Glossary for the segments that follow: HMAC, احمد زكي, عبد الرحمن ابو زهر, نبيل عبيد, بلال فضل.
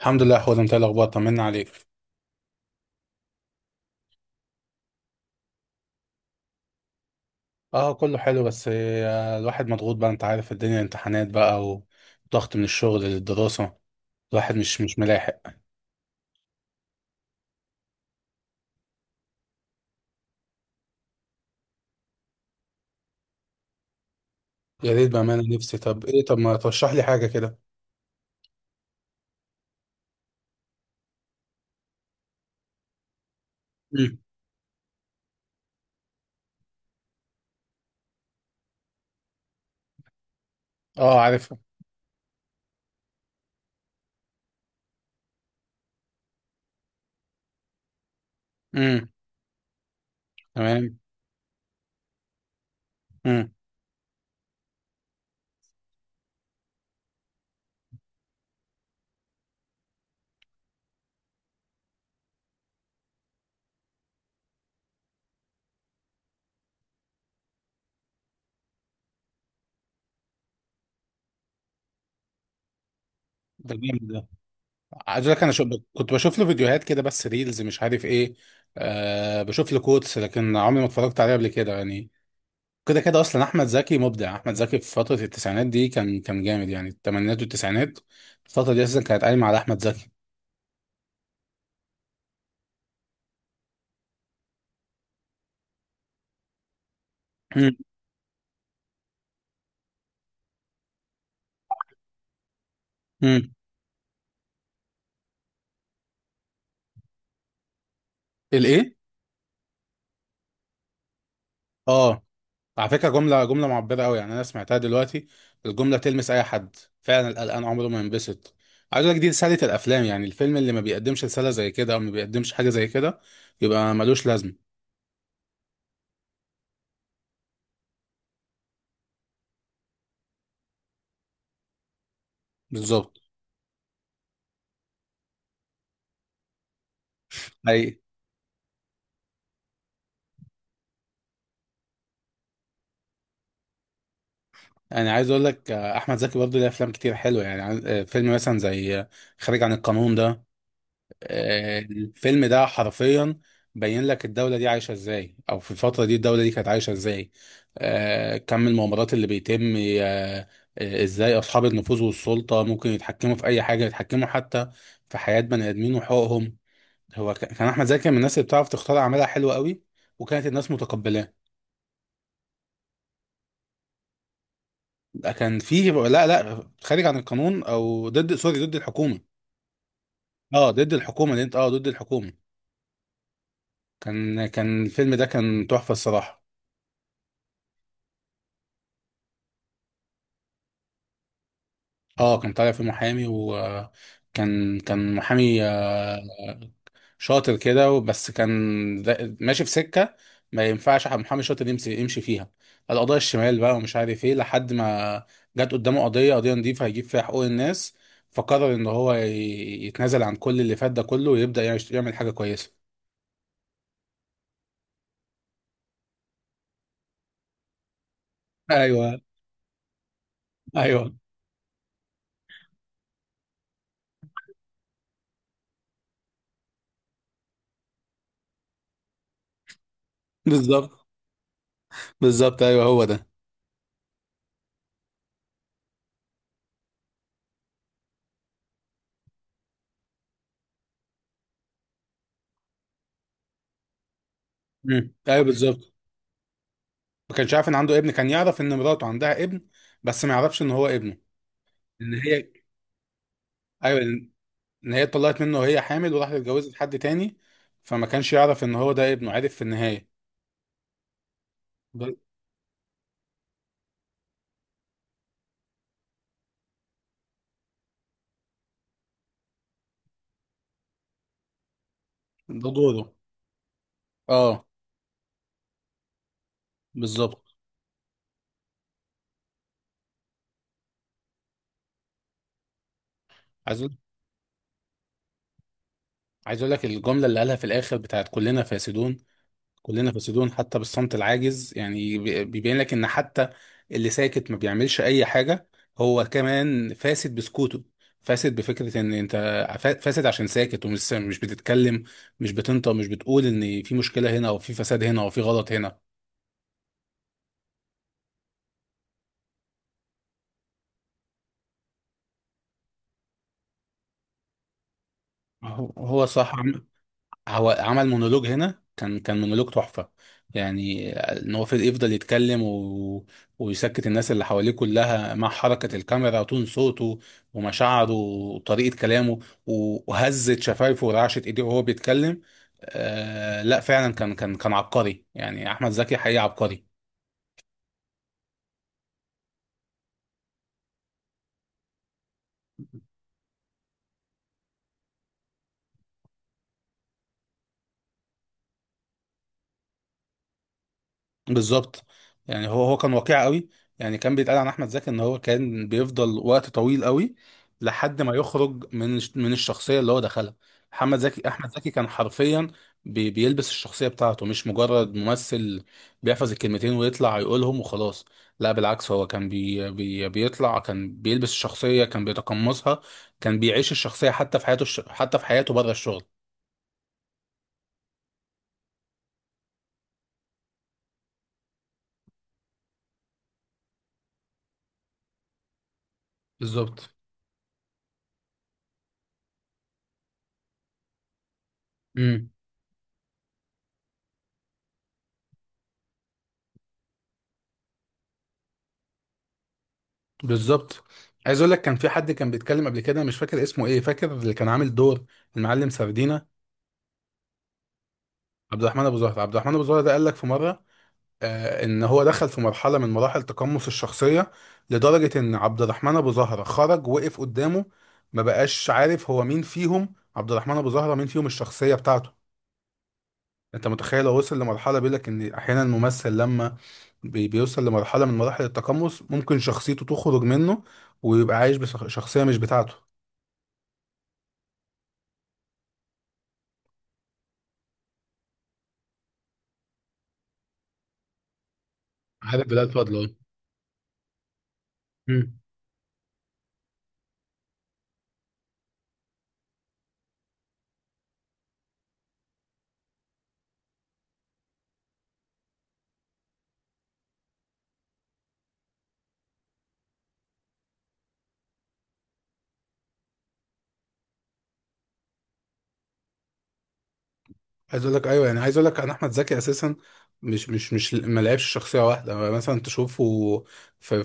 الحمد لله، حوده. انت ايه الاخبار؟ طمنا عليك. اه، كله حلو، بس الواحد مضغوط بقى، انت عارف، الدنيا امتحانات بقى. وضغط من الشغل للدراسة. الواحد مش ملاحق. يا ريت، بأمانة نفسي. طب ايه، طب ما ترشح لي حاجة كده؟ امم. اه، عارفها. امم. تمام. امم. ده جامد ده. عايز اقول لك، انا كنت بشوف له فيديوهات كده، بس ريلز مش عارف ايه. بشوف له كوتس، لكن عمري ما اتفرجت عليه قبل كده يعني. كده كده، اصلا احمد زكي مبدع. احمد زكي في فتره التسعينات دي كان جامد، يعني الثمانينات والتسعينات، الفتره دي اساسا كانت قايمه على احمد زكي. امم. امم. الايه؟ اه. على فكره جمله معبره قوي، يعني انا سمعتها دلوقتي، الجمله تلمس اي حد. فعلا القلقان عمره ما ينبسط. عايز اقول لك، دي رساله الافلام. يعني الفيلم اللي ما بيقدمش رساله زي كده، او ما بيقدمش حاجه زي كده، يبقى ملوش لازمه. بالظبط. اي، انا عايز اقول لك، احمد زكي برضه ليه افلام كتير حلوه، يعني فيلم مثلا زي خارج عن القانون ده. الفيلم ده حرفيا بين لك الدولة دي عايشة ازاي، او في الفترة دي الدولة دي كانت عايشة ازاي. كم المؤامرات اللي بيتم. آه، ازاي اصحاب النفوذ والسلطة ممكن يتحكموا في اي حاجة، يتحكموا حتى في حياة بني ادمين وحقوقهم. هو كان احمد زكي من الناس اللي بتعرف تختار اعمالها، حلوة قوي، وكانت الناس متقبلاه. ده كان فيه، لا لا، خارج عن القانون، او ضد، سوري، ضد الحكومة. اه، ضد الحكومة اللي انت، اه، ضد الحكومة. كان الفيلم ده كان تحفة الصراحة. اه، كان طالع في محامي، وكان محامي شاطر كده بس كان، ماشي في سكة. ما ينفعش محامي شاطر يمشي فيها القضايا الشمال بقى ومش عارف ايه، لحد ما جت قدامه قضية نضيفة هيجيب فيها حقوق الناس. فقرر ان هو يتنازل عن كل اللي فات ده كله، ويبدأ يعمل حاجة كويسة. ايوه، ايوه. بالظبط. بالظبط، ايوه هو ده. مم. ايوه، بالظبط. ما كانش عارف ان عنده ابن، كان يعرف ان مراته عندها ابن، بس ما يعرفش ان هو ابنه. ان هي. ايوه. ان هي اتطلقت منه وهي حامل، وراحت اتجوزت حد تاني، فما كانش يعرف ان هو ده ابنه، عارف، في النهايه. ده ده دوره. اه. بالظبط. عايز اقول عايز اقول لك الجمله اللي قالها في الاخر، بتاعت كلنا فاسدون. كلنا فاسدون حتى بالصمت العاجز، يعني بيبين لك ان حتى اللي ساكت ما بيعملش اي حاجه، هو كمان فاسد بسكوته، فاسد بفكره ان انت فاسد عشان ساكت ومش مش بتتكلم، مش بتنطق، مش بتقول ان في مشكله هنا، او في فساد هنا، او في غلط هنا. هو صح. هو عمل مونولوج هنا، كان مونولوج تحفة. يعني ان هو يفضل يتكلم، و... ويسكت الناس اللي حواليه كلها، مع حركة الكاميرا وتون صوته ومشاعره وطريقة كلامه، وهزت شفايفه ورعشت ايديه وهو بيتكلم. لا، فعلا كان عبقري، يعني احمد زكي حقيقي عبقري. بالظبط، يعني هو كان واقعي قوي. يعني كان بيتقال عن احمد زكي ان هو كان بيفضل وقت طويل قوي لحد ما يخرج من من الشخصيه اللي هو دخلها. محمد زكي احمد زكي كان حرفيا بيلبس الشخصيه بتاعته، مش مجرد ممثل بيحفظ الكلمتين ويطلع يقولهم وخلاص. لا بالعكس، هو كان بي بي بيطلع، كان بيلبس الشخصيه، كان بيتقمصها، كان بيعيش الشخصيه حتى في حياته حتى في حياته بره الشغل. بالظبط، بالظبط. عايز اقول لك، كان في حد كان بيتكلم قبل كده، مش فاكر اسمه ايه، فاكر اللي كان عامل دور المعلم سردينة. عبد الرحمن ابو زهر، عبد الرحمن ابو زهر ده قال لك في مره، ان هو دخل في مرحله من مراحل تقمص الشخصيه، لدرجه ان عبد الرحمن ابو زهر خرج وقف قدامه، ما بقاش عارف هو مين فيهم، عبد الرحمن ابو زهر مين فيهم الشخصيه بتاعته. انت متخيل؟ هو وصل لمرحله، بيقول لك ان احيانا الممثل لما بيوصل لمرحله من مراحل التقمص، ممكن شخصيته تخرج منه ويبقى عايش بشخصيه مش بتاعته. عارف بلال فضل، اه. مم. عايز اقول لك، ايوه، يعني عايز اقول لك، انا احمد زكي اساسا مش ما لعبش شخصيه واحده، مثلا تشوفه في في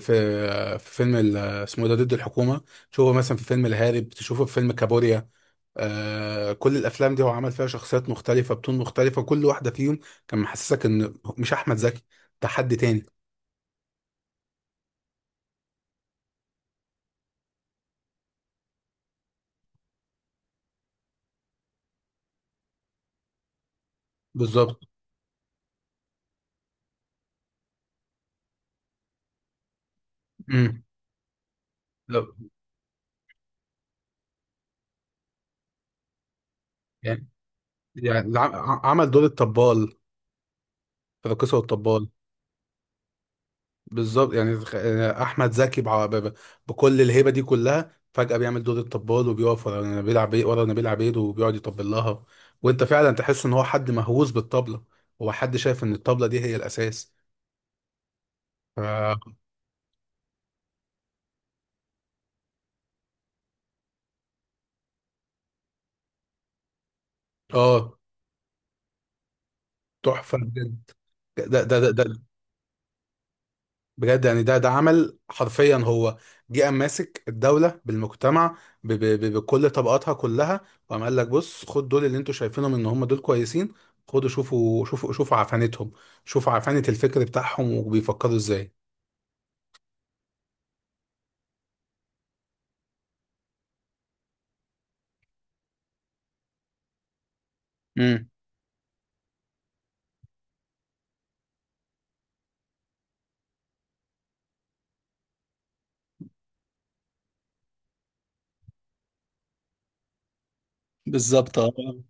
في فيلم اسمه إيه ده؟ ضد الحكومه. تشوفه مثلا في فيلم الهارب، تشوفه في فيلم كابوريا. كل الافلام دي هو عمل فيها شخصيات مختلفه، بتون مختلفه، كل واحده فيهم كان محسسك ان مش احمد زكي، ده حد تاني. بالظبط. امم. لا. يعني يعني عمل دور الطبال في الراقصه والطبال. بالظبط، يعني يعني احمد زكي بكل الهيبه دي كلها، فجاه بيعمل دور الطبال، وبيقف ورا نبيل عبيد، ورا نبيل عبيد، وبيقعد يطبل لها، وانت فعلا تحس ان هو حد مهووس بالطبله، هو حد شايف ان الطبله دي هي الاساس. ف... اه. تحفه بجد. ده. بجد، يعني ده عمل حرفيا، هو جه قام ماسك الدولة بالمجتمع ب ب ب بكل طبقاتها كلها، وقام قال لك بص، خد دول اللي انتوا شايفينهم ان هم دول كويسين، خدوا شوفوا، شوفوا، شوفوا عفانتهم، شوفوا عفانة الفكر بتاعهم وبيفكروا ازاي. امم. بالظبط، هو.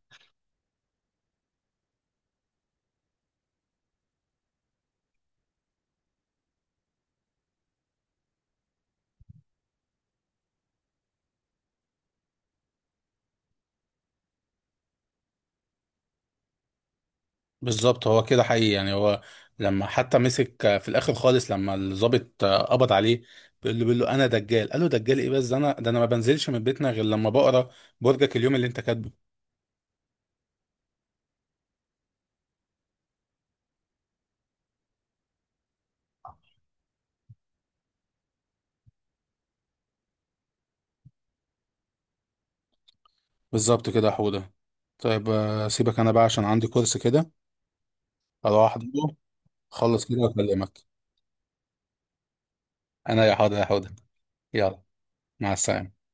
بالظبط، هو كده حقيقي، يعني هو لما حتى مسك، في الاخر خالص، لما الضابط، قبض عليه، بيقول له انا دجال، قال له دجال ايه بس؟ ده انا ما بنزلش من بيتنا غير لما بقرا برجك اليوم اللي انت كاتبه. بالظبط كده يا حودة. طيب، سيبك انا بقى عشان عندي كورس كده اروح احضره، اخلص كده واكلمك. انا، يا حاضر يا حودة. يلا. مع السلامة.